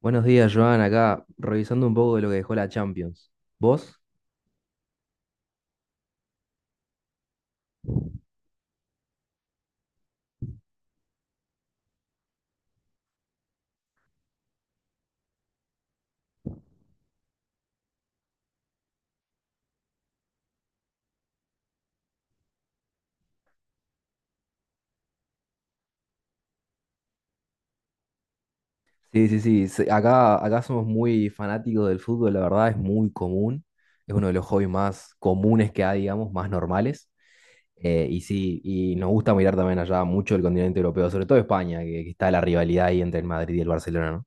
Buenos días, Joan. Acá revisando un poco de lo que dejó la Champions. ¿Vos? Sí, sí, sí. Acá, somos muy fanáticos del fútbol, la verdad es muy común. Es uno de los hobbies más comunes que hay, digamos, más normales. Y sí, y nos gusta mirar también allá mucho el continente europeo, sobre todo España, que está la rivalidad ahí entre el Madrid y el Barcelona, ¿no?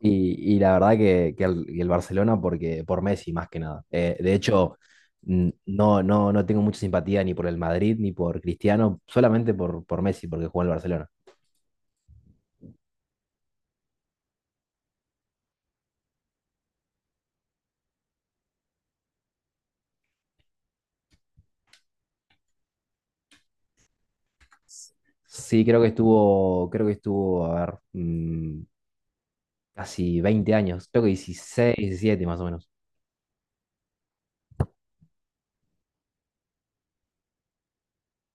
Y la verdad que el Barcelona porque, por Messi más que nada. De hecho, no tengo mucha simpatía ni por el Madrid ni por Cristiano, solamente por Messi porque jugó en el Barcelona. Sí, creo que estuvo, a ver, casi 20 años, creo que 16 17 más o menos.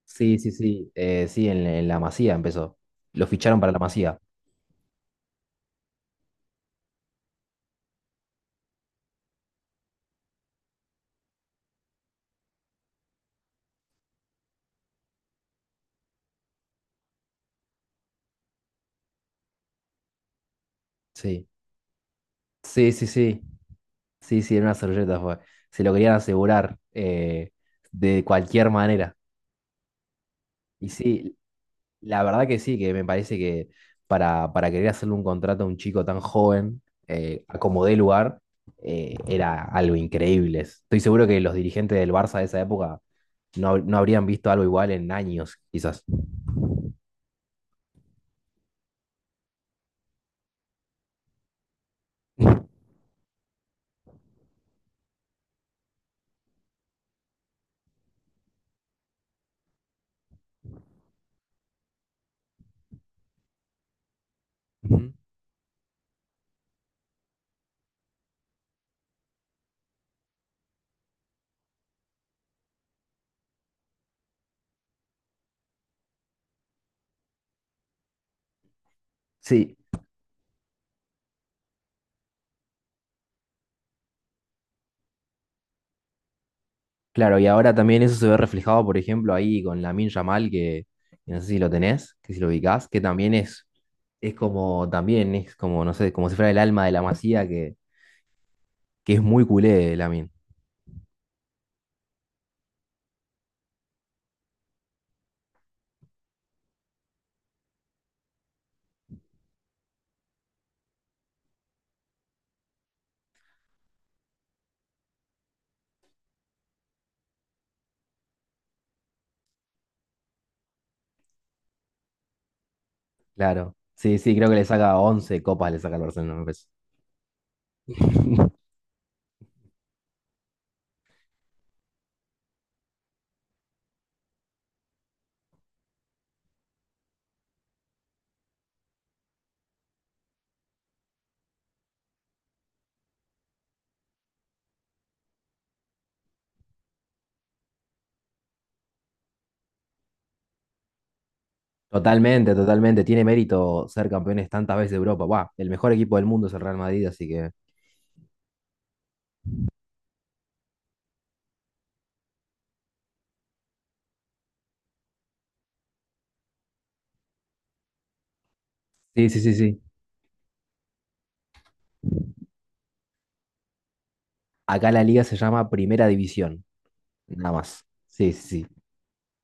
Sí, sí, sí, sí, en la Masía empezó. Lo ficharon para la Masía, sí. Sí, sí, sí, sí, sí, en una servilleta fue. Se lo querían asegurar de cualquier manera. Y sí, la verdad que sí, que me parece que para querer hacerle un contrato a un chico tan joven, a como dé lugar, era algo increíble. Estoy seguro que los dirigentes del Barça de esa época no habrían visto algo igual en años, quizás. Ujú. Sí, claro, y ahora también eso se ve reflejado, por ejemplo, ahí con Lamine Yamal, que no sé si lo tenés, que si lo ubicás, que también es como, también es como, no sé, como si fuera el alma de la Masía, que es muy culé, Lamine. Claro. Sí, sí, creo que le saca 11 copas, le saca al Barcelona, me parece. Totalmente, totalmente. Tiene mérito ser campeones tantas veces de Europa. Buah, el mejor equipo del mundo es el Real Madrid, así que. Sí, sí, sí, sí. Acá la liga se llama Primera División, nada más. Sí, sí, sí.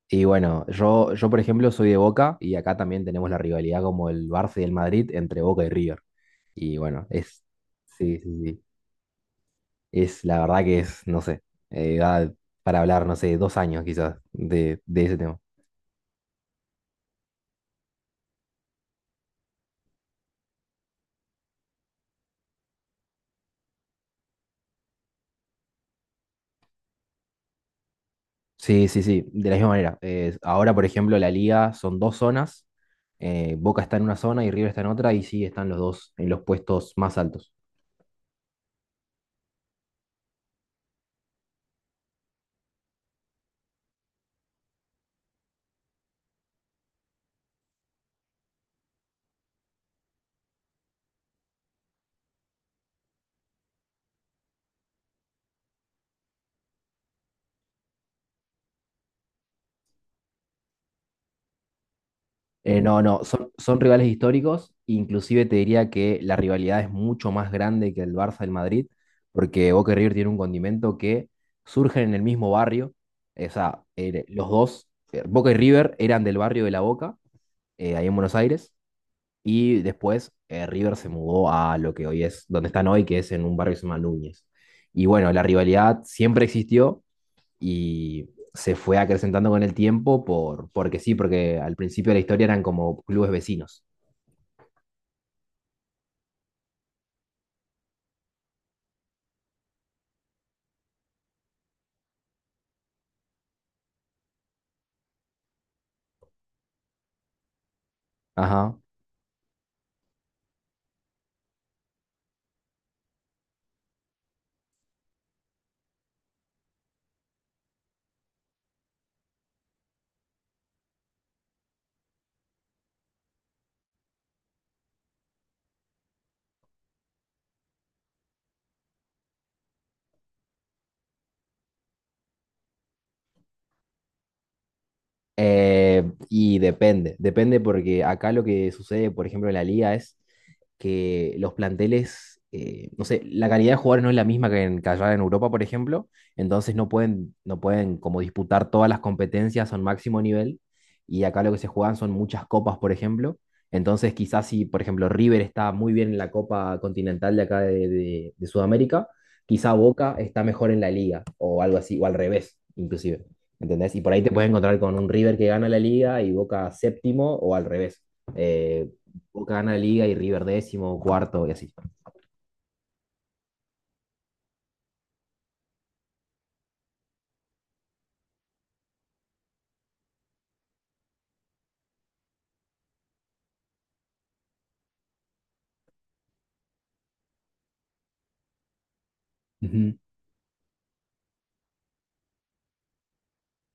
Y bueno, yo por ejemplo soy de Boca y acá también tenemos la rivalidad como el Barça y el Madrid entre Boca y River. Y bueno, es. Sí, sí, sí. Es la verdad que es, no sé, da para hablar, no sé, 2 años quizás de ese tema. Sí, sí, sí, de la misma manera. Ahora, por ejemplo, la liga son dos zonas. Boca está en una zona y River está en otra y sí, están los dos en los puestos más altos. No, no, son rivales históricos. Inclusive te diría que la rivalidad es mucho más grande que el Barça del Madrid, porque Boca y River tienen un condimento que surgen en el mismo barrio. O sea, los dos, Boca y River eran del barrio de La Boca, ahí en Buenos Aires. Y después River se mudó a lo que hoy es, donde están hoy, que es en un barrio que se llama Núñez. Y bueno, la rivalidad siempre existió y se fue acrecentando con el tiempo porque sí, porque al principio de la historia eran como clubes vecinos. Ajá. Y depende porque acá lo que sucede, por ejemplo, en la liga es que los planteles, no sé, la calidad de jugadores no es la misma que allá en Europa, por ejemplo, entonces no pueden como disputar todas las competencias a un máximo nivel, y acá lo que se juegan son muchas copas, por ejemplo, entonces quizás si, por ejemplo, River está muy bien en la Copa Continental de acá de Sudamérica, quizá Boca está mejor en la liga, o algo así, o al revés, inclusive. ¿Entendés? Y por ahí te puedes encontrar con un River que gana la liga y Boca séptimo o al revés. Eh, Boca gana la liga y River 10.º, cuarto y así. Ujú.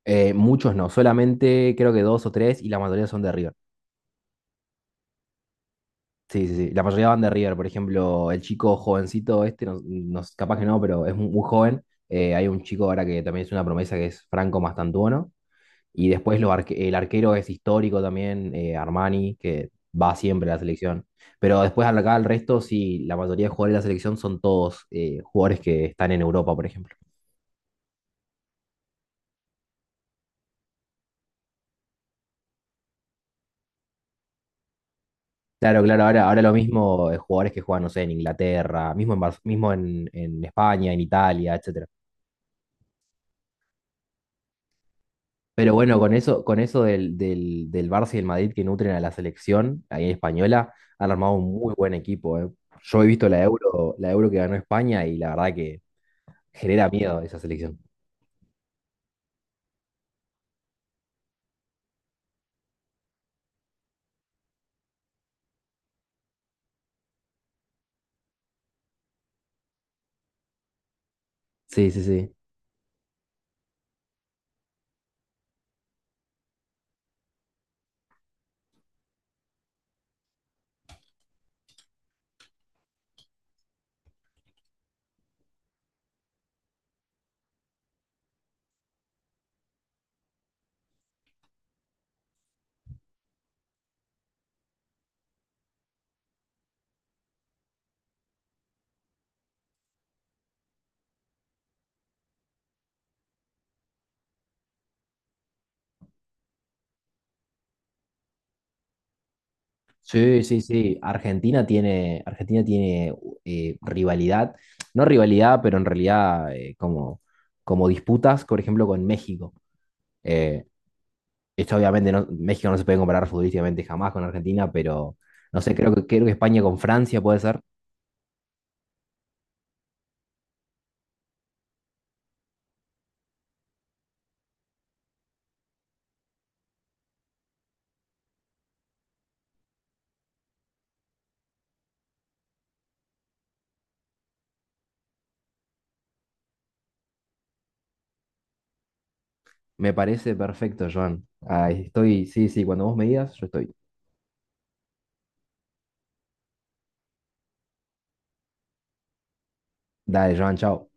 Muchos no, solamente creo que dos o tres y la mayoría son de River. Sí, sí, sí. La mayoría van de River. Por ejemplo, el chico jovencito este, no, capaz que no, pero es muy, muy joven. Hay un chico ahora que también es una promesa que es Franco Mastantuono. Y después el arquero es histórico también, Armani, que va siempre a la selección. Pero después acá el resto, sí, la mayoría de jugadores de la selección son todos jugadores que están en Europa, por ejemplo. Claro, claro, ahora lo mismo, jugadores que juegan, no sé, en Inglaterra, mismo en España, en Italia, etcétera. Pero bueno, con eso del Barça y el Madrid que nutren a la selección, ahí en española, han armado un muy buen equipo, eh. Yo he visto la Euro que ganó España y la verdad que genera miedo esa selección. Sí, sí, sí. Sí, sí, sí. Argentina tiene rivalidad, no rivalidad, pero en realidad como disputas, por ejemplo, con México. Eh, Esto obviamente no, México no se puede comparar futbolísticamente jamás con Argentina, pero no sé, creo que España con Francia puede ser. Me parece perfecto, Joan. Ay, estoy, sí, sí, cuando vos me digas, yo estoy. Dale, Joan, chao.